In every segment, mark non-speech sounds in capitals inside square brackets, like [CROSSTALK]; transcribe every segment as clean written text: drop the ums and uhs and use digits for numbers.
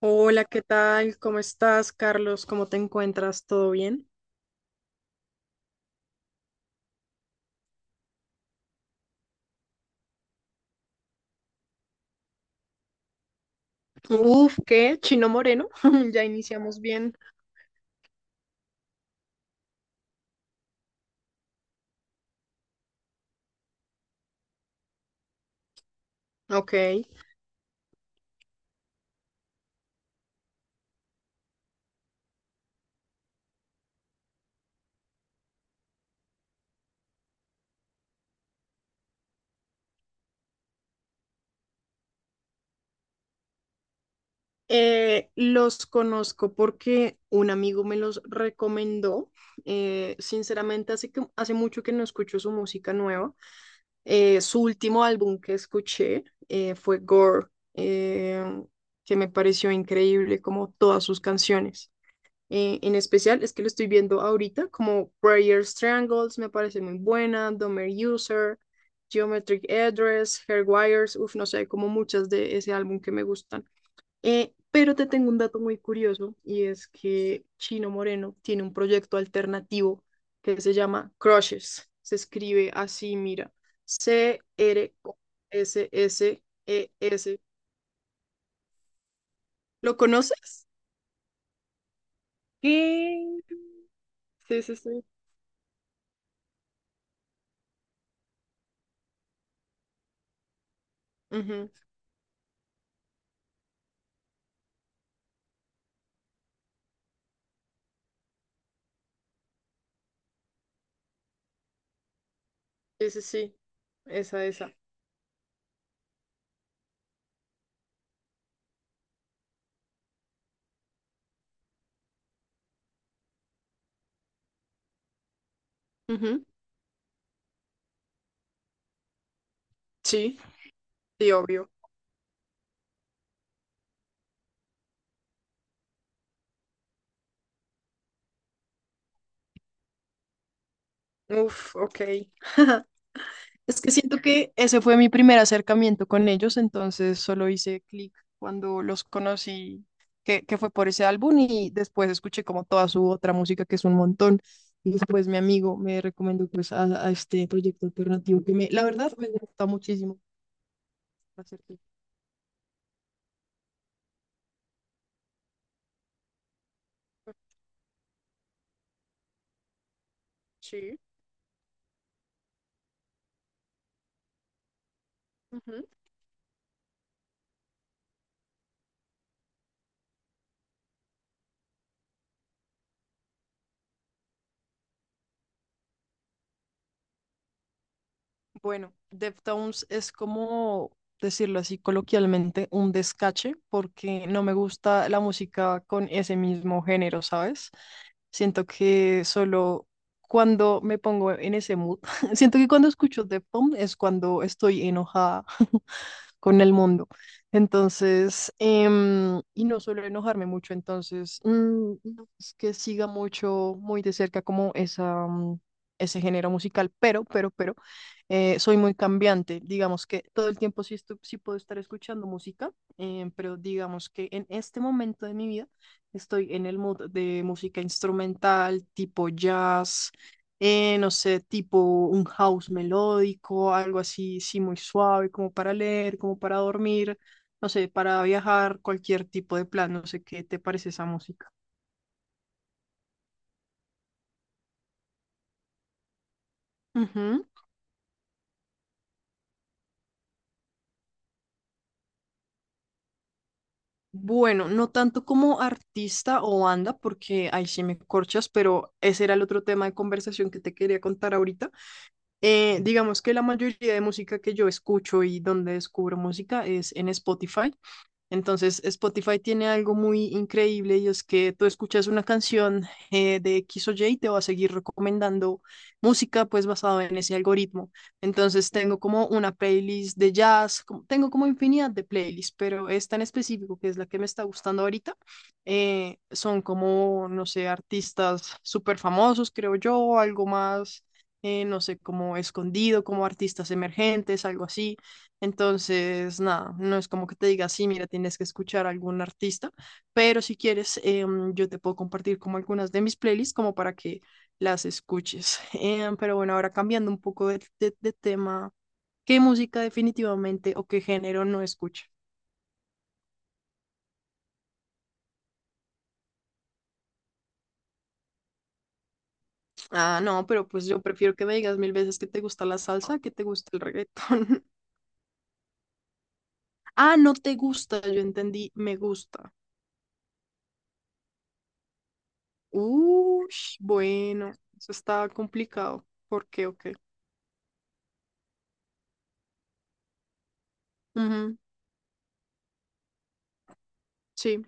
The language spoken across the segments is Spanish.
Hola, ¿qué tal? ¿Cómo estás, Carlos? ¿Cómo te encuentras? ¿Todo bien? Uf, ¿qué? Chino Moreno. [LAUGHS] Ya iniciamos bien. Ok. Los conozco porque un amigo me los recomendó. Sinceramente, hace mucho que no escucho su música nueva. Su último álbum que escuché fue Gore, eh, que me pareció increíble como todas sus canciones. En especial es que lo estoy viendo ahorita, como Prayers Triangles, me parece muy buena, Domer User, Geometric Address, Hairwires, uff, no sé, como muchas de ese álbum que me gustan. Pero te tengo un dato muy curioso y es que Chino Moreno tiene un proyecto alternativo que se llama Crushes. Se escribe así, mira, Crsses. -S -S. E s s ¿lo conoces? ¿Qué? Sí, sí, sí. Ujú. Sí, sí, sí. Esa, esa. Ujú. Sí, sí, obvio. Uf, ok. [LAUGHS] Es que siento que ese fue mi primer acercamiento con ellos, entonces solo hice clic cuando los conocí, que fue por ese álbum y después escuché como toda su otra música, que es un montón. Y después mi amigo me recomendó pues a este proyecto alternativo que me, la verdad, me gusta muchísimo. para serte- Sí. Bueno, Deftones es como decirlo así coloquialmente, un descache, porque no me gusta la música con ese mismo género, ¿sabes? Siento que solo cuando me pongo en ese mood, [LAUGHS] siento que cuando escucho Deftones es cuando estoy enojada con el mundo. Entonces, y no suelo enojarme mucho, entonces, no es que siga mucho, muy de cerca como esa, ese género musical, pero, soy muy cambiante. Digamos que todo el tiempo sí, sí puedo estar escuchando música, pero digamos que en este momento de mi vida estoy en el mood de música instrumental, tipo jazz, no sé, tipo un house melódico, algo así, sí, muy suave, como para leer, como para dormir, no sé, para viajar, cualquier tipo de plan, no sé qué te parece esa música. Ujú. Bueno, no tanto como artista o banda, porque ahí sí me corchas, pero ese era el otro tema de conversación que te quería contar ahorita. Digamos que la mayoría de música que yo escucho y donde descubro música es en Spotify. Entonces, Spotify tiene algo muy increíble y es que tú escuchas una canción de X o Y y te va a seguir recomendando música pues basado en ese algoritmo. Entonces, tengo como una playlist de jazz, tengo como infinidad de playlists, pero esta en específico, que es la que me está gustando ahorita, son como, no sé, artistas súper famosos, creo yo, algo más, no sé, como escondido, como artistas emergentes, algo así. Entonces, nada, no es como que te diga, sí, mira, tienes que escuchar a algún artista, pero si quieres, yo te puedo compartir como algunas de mis playlists como para que las escuches. [LAUGHS] Pero bueno, ahora cambiando un poco de tema, ¿qué música definitivamente o qué género no escucha? Ah, no, pero pues yo prefiero que me digas mil veces que te gusta la salsa, que te gusta el reggaetón. [LAUGHS] Ah, no te gusta, yo entendí, me gusta. Uy, bueno, eso está complicado. ¿Por qué o qué? Ujú. Sí.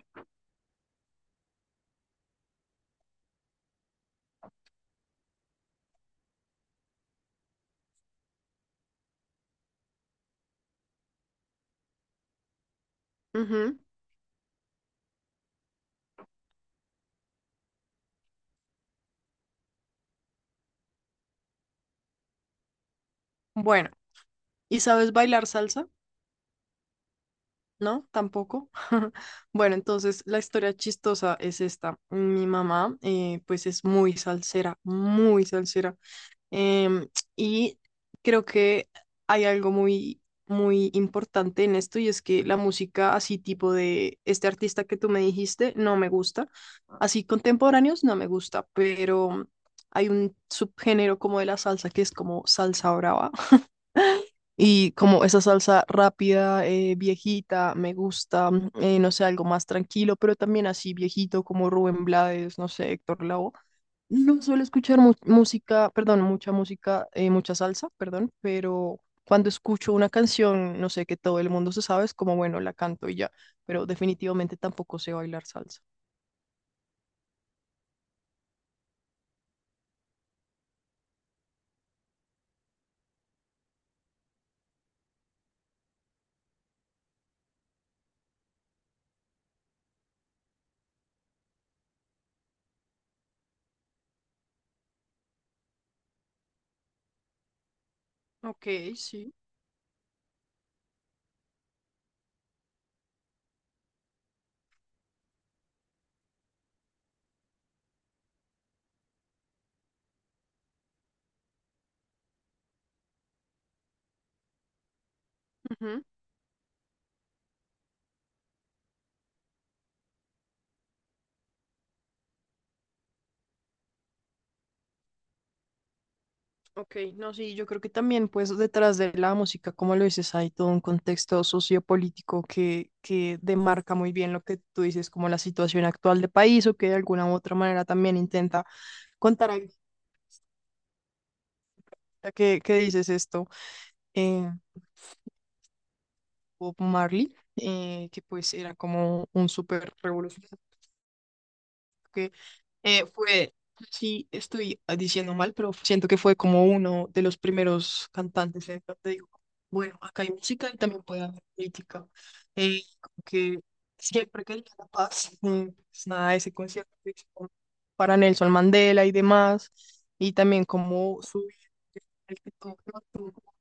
Ujú. Bueno, ¿y sabes bailar salsa? No, tampoco. [LAUGHS] Bueno, entonces la historia chistosa es esta. Mi mamá, pues es muy salsera, muy salsera. Em, y creo que hay algo muy, muy importante en esto y es que la música así tipo de este artista que tú me dijiste no me gusta. Así contemporáneos no me gusta, pero hay un subgénero como de la salsa que es como salsa brava. Y como esa salsa rápida, viejita, me gusta, no sé, algo más tranquilo, pero también así viejito como Rubén Blades, no sé, Héctor Lavoe. No suelo escuchar música, perdón, mucha música, mucha salsa, perdón, pero cuando escucho una canción, no sé, que todo el mundo se sabe, es como, bueno, la canto y ya, pero definitivamente tampoco sé bailar salsa. Ok, sí. Ok, no, sí, yo creo que también, pues, detrás de la música, como lo dices, hay todo un contexto sociopolítico que demarca muy bien lo que tú dices, como la situación actual del país, o que de alguna u otra manera también intenta contar algo, ya que dices esto, eh, Bob Marley, que pues era como un súper revolucionario. Fue, sí, estoy diciendo mal, pero siento que fue como uno de los primeros cantantes. En te digo, bueno, acá hay música y también puede haber política. Como que siempre quería la paz. Pues nada, ese concierto que hizo como para Nelson Mandela y demás. Y también como no tuvo como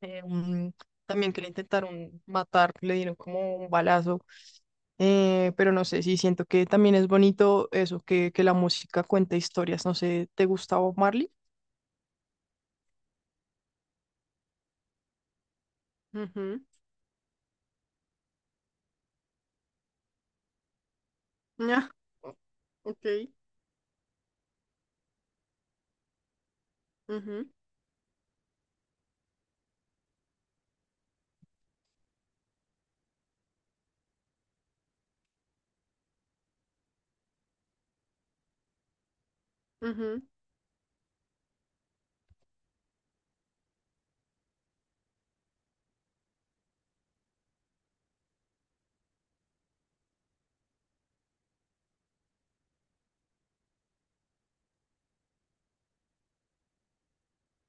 eh, un- también que le intentaron matar, le dieron como un balazo, pero no sé, sí siento que también es bonito eso, que la música cuenta historias. No sé, ¿te gusta Bob Marley? Ujú. Ah, ok. Ujú, ujú.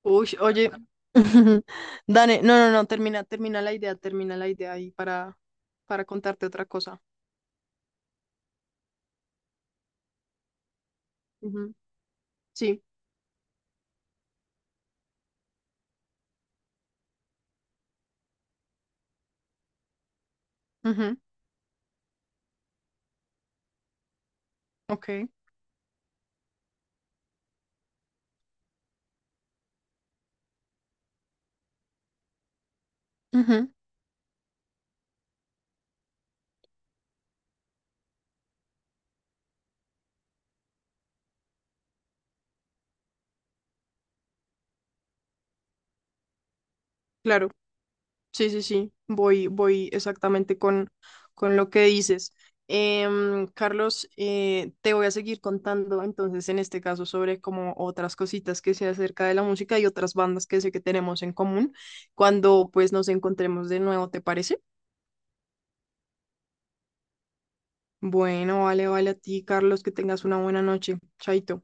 Uy, oye, [LAUGHS] Dane, no, no, no, termina, termina la idea ahí para contarte otra cosa. Ujú. Sí, ujú. Ok. Ujú. Claro. Sí, sí, sí, voy exactamente con lo que dices. Carlos, te voy a seguir contando entonces en este caso sobre como otras cositas que sé acerca de la música y otras bandas que sé que tenemos en común cuando pues nos encontremos de nuevo, ¿te parece? Bueno, vale, vale a ti, Carlos, que tengas una buena noche. Chaito.